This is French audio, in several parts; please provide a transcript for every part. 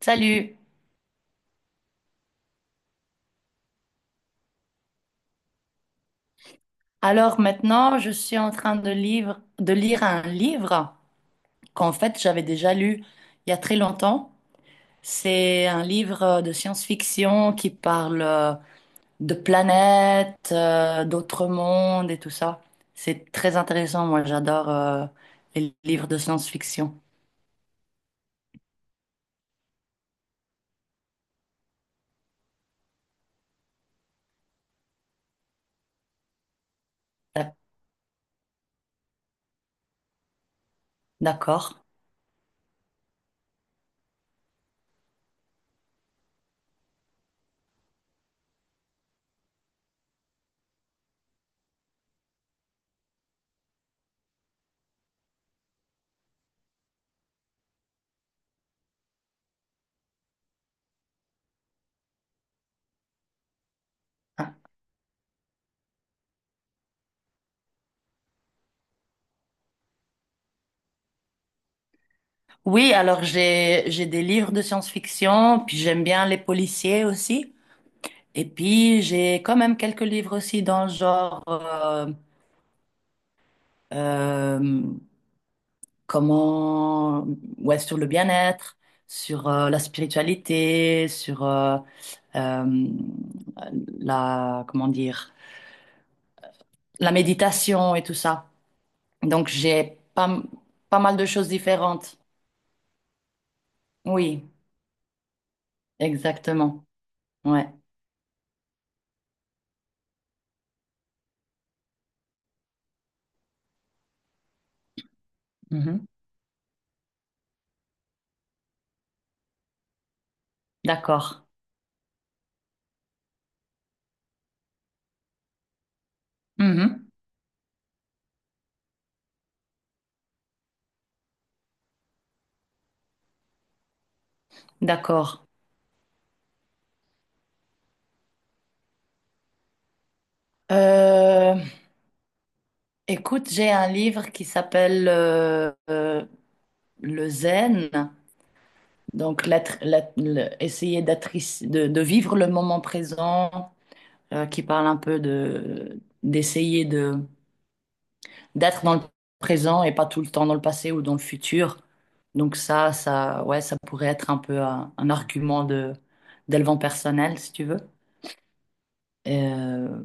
Salut. Alors maintenant, je suis en train de lire un livre qu'en fait j'avais déjà lu il y a très longtemps. C'est un livre de science-fiction qui parle de planètes, d'autres mondes et tout ça. C'est très intéressant. Moi, j'adore les livres de science-fiction. D'ac- D'accord. Oui, alors j'ai des livres de science-fiction, puis j'aime bien les policiers aussi. Et puis, j'ai quand même quelques livres aussi dans le genre, euh, comment, ouais, sur le bien-être, sur la spiritualité, sur euh, la, comment dire, la méditation et tout ça. Donc, j'ai pas, pas mal de choses différentes. Oui, exactement. Ouais. Mhm. D'accord. Mhm. D'accord. Euh, Écoute, j'ai un livre qui s'appelle le zen, donc la tr- la- le- essayer de vivre le moment présent, qui parle un peu de d'essayer de d'être dans le présent et pas tout le temps dans le passé ou dans le futur. Donc ça, ouais, ça pourrait être un peu un argument de d'élevant personnel, si tu veux. Euh,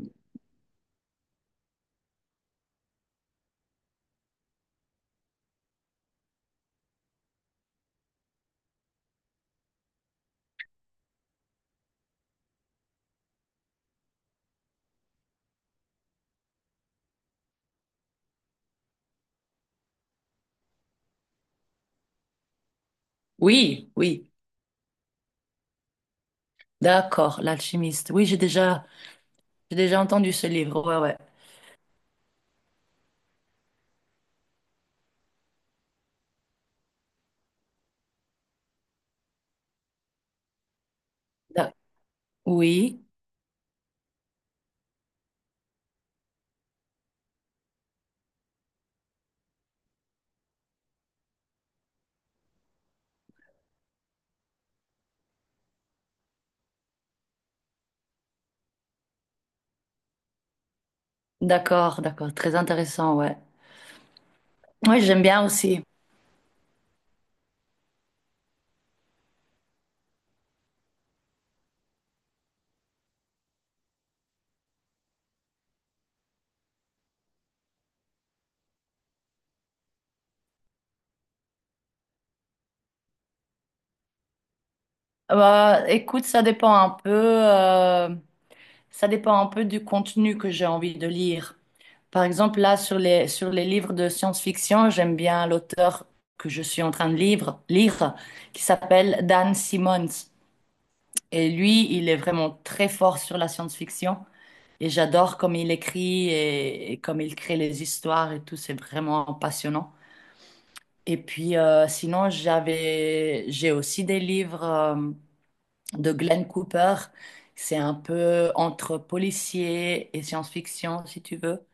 oui, oui, d'accord, l'alchimiste. Oui, j'ai déjà entendu ce livre. Ouais, ouais. D'ac- oui, d'accord, d'accord, très intéressant, ouais. Oui, j'aime bien aussi. Bah, écoute, ça dépend un peu du contenu que j'ai envie de lire. Par exemple, là, sur les livres de science-fiction, j'aime bien l'auteur que je suis en train de lire, qui s'appelle Dan Simmons. Et lui, il est vraiment très fort sur la science-fiction. Et j'adore comme il écrit et comme il crée les histoires et tout. C'est vraiment passionnant. Et puis, sinon, j'ai aussi des livres de Glenn Cooper. C'est un peu entre policier et science-fiction, si tu veux.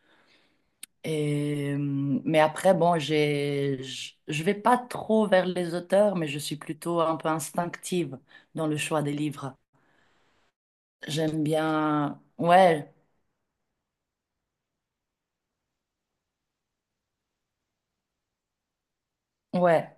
Et, euh, mais après, bon, j'ai, je vais pas trop vers les auteurs, mais je suis plutôt un peu instinctive dans le choix des livres. J'aime bien. Ouais, ouais.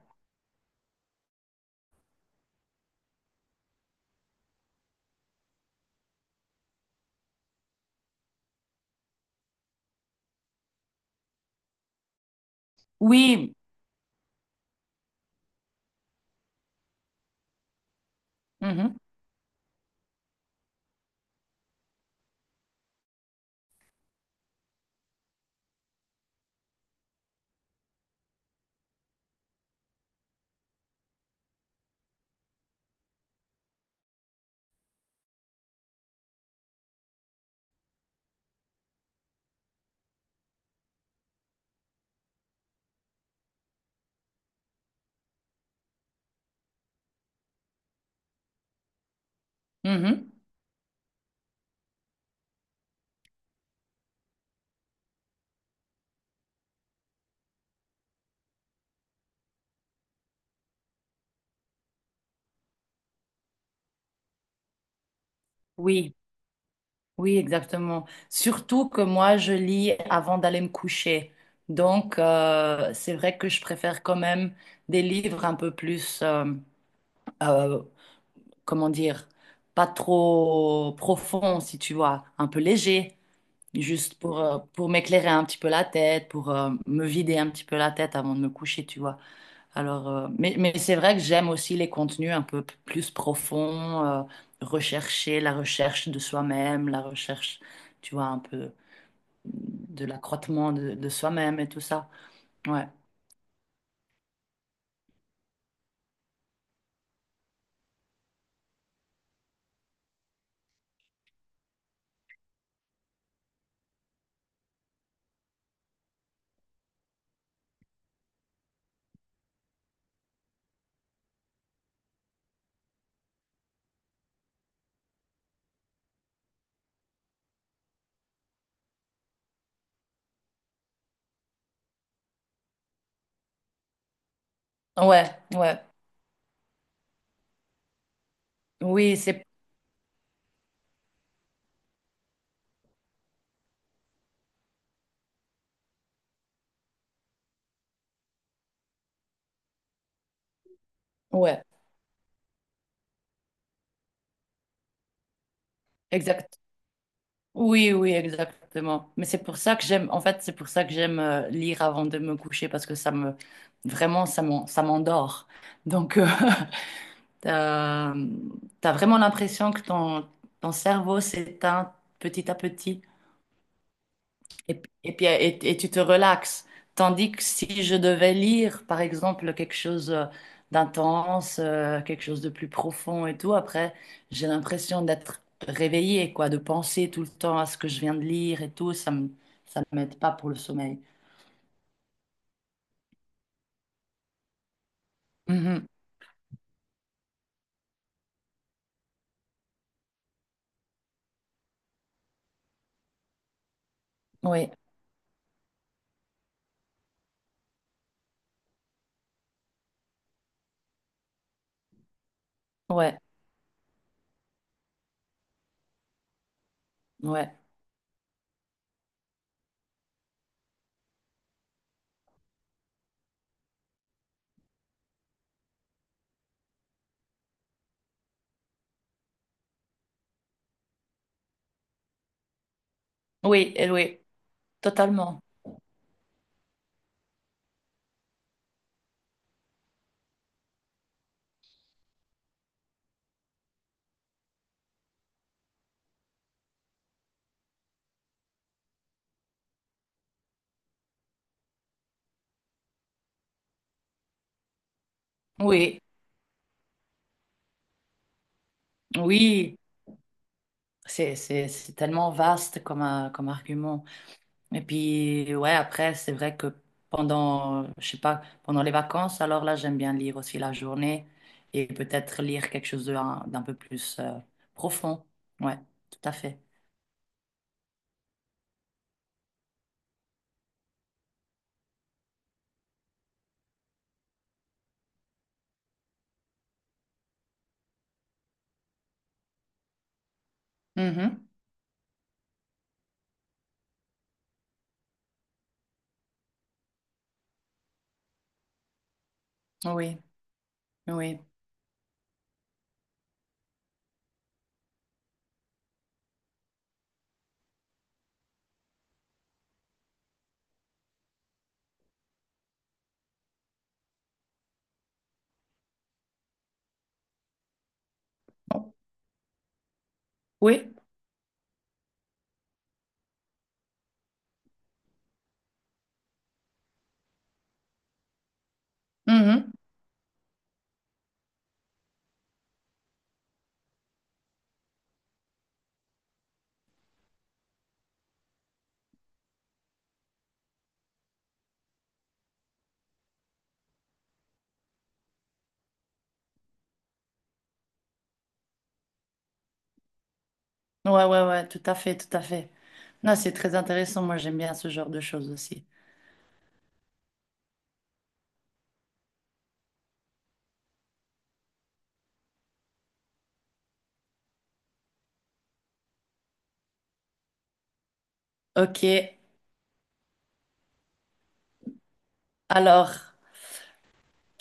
Oui. Mhm, mhm. Oui, oui, exactement. Surtout que moi, je lis avant d'aller me coucher. Donc, c'est vrai que je préfère quand même des livres un peu plus. euh, comment dire, pas trop profond, si tu vois, un peu léger, juste pour m'éclairer un petit peu la tête, pour me vider un petit peu la tête avant de me coucher, tu vois. Alors, mais c'est vrai que j'aime aussi les contenus un peu plus profonds, rechercher la recherche de soi-même, la recherche, tu vois, un peu de l'accroissement de soi-même et tout ça. Ouais, ouais, ouais. Oui, ouais, oui, oui, exactement. Mais c'est pour ça que j'aime lire avant de me coucher parce que vraiment, ça m'endort. Donc, t'as, t'as vraiment l'impression que ton cerveau s'éteint petit à petit et puis tu te relaxes. Tandis que si je devais lire, par exemple, quelque chose d'intense, quelque chose de plus profond et tout, après, j'ai l'impression d'être réveillée, quoi, de penser tout le temps à ce que je viens de lire et tout, ça m'aide pas pour le sommeil. Mhm. Oui, ouais, ouais. Oui, et oui, totalement. Oui, oui. C'est tellement vaste comme, comme argument. Et puis, ouais, après, c'est vrai que je sais pas, pendant les vacances, alors là, j'aime bien lire aussi la journée et peut-être lire quelque chose d'un peu plus profond. Ouais, tout à fait. Mhm. Oui, oui. Oui. Mhm. Ouais, ouais, ouais, tout à fait, tout à fait. Non, c'est très intéressant. Moi, j'aime bien ce genre de choses aussi. Ok, alors,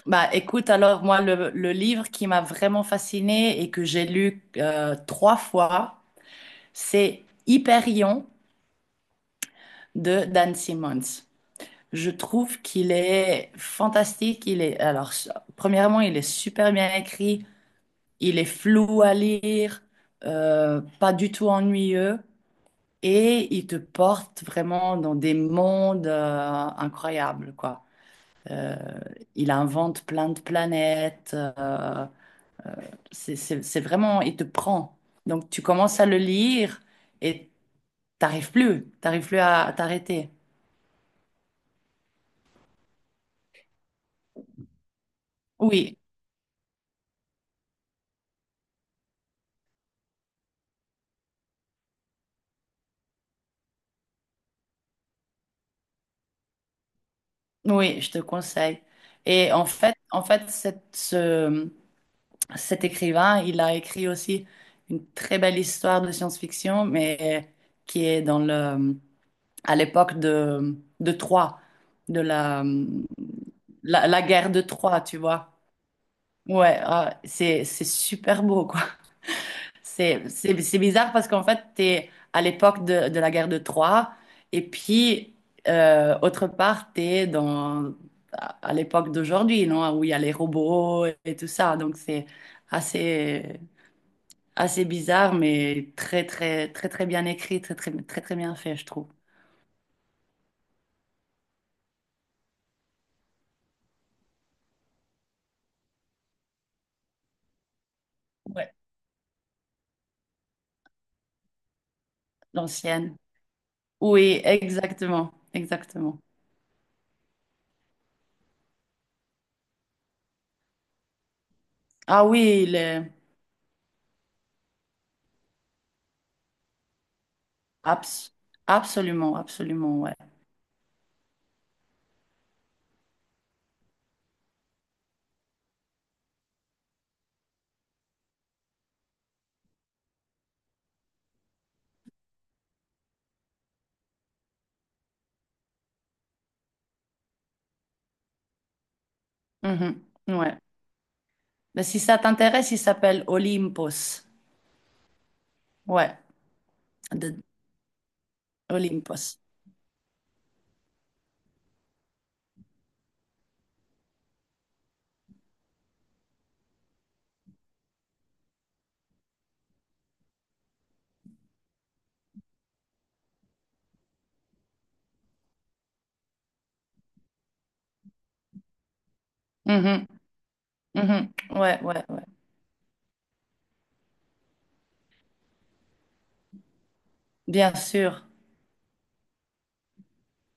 bah écoute, alors moi, le livre qui m'a vraiment fascinée et que j'ai lu trois fois, c'est Hyperion de Dan Simmons. Je trouve qu'il est fantastique. Alors, premièrement, il est super bien écrit. Il est flou à lire, pas du tout ennuyeux. Et il te porte vraiment dans des mondes incroyables, quoi. Euh, il invente plein de planètes, c'est vraiment, il te prend. Donc, tu commences à le lire et t'arrives plus à t'arrêter. Oui, oui, je te conseille. Et en fait, cet écrivain, il a écrit aussi une très belle histoire de science-fiction, mais qui est à l'époque de Troie, de la guerre de Troie, tu vois. Ouais, ah, c'est super beau, quoi. C'est bizarre parce qu'en fait, tu es à l'époque de la guerre de Troie et puis, autre part, tu es dans, à l'époque d'aujourd'hui, non? Où il y a les robots et tout ça. Donc, c'est assez, assez bizarre, mais très, très, très, très bien écrit, très, très, très, très bien fait, je trouve. Ouais. L'ancienne. Oui, exactement, exactement. Ah oui, il est abs- absolument, absolument, ouais. Mhm, ouais. Mais si ça t'intéresse, il s'appelle Olympos. Ouais, de Olympos. Mhm, mhm. Ouais, ouais, ouais. Bien sûr.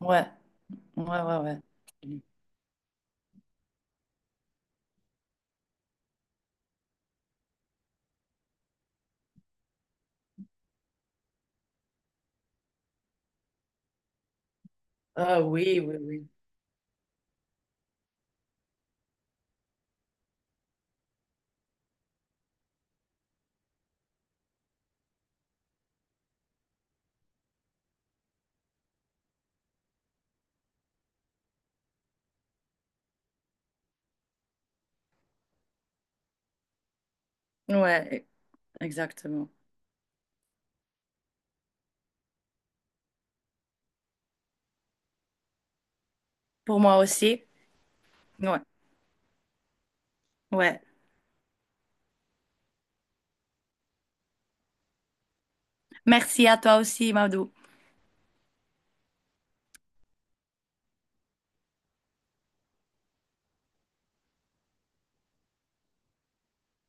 Ouais, ouais, ouais, ouais. Ah oui, oui, oui. Ouais, exactement. Pour moi aussi. Ouais, ouais. Merci à toi aussi, Madou.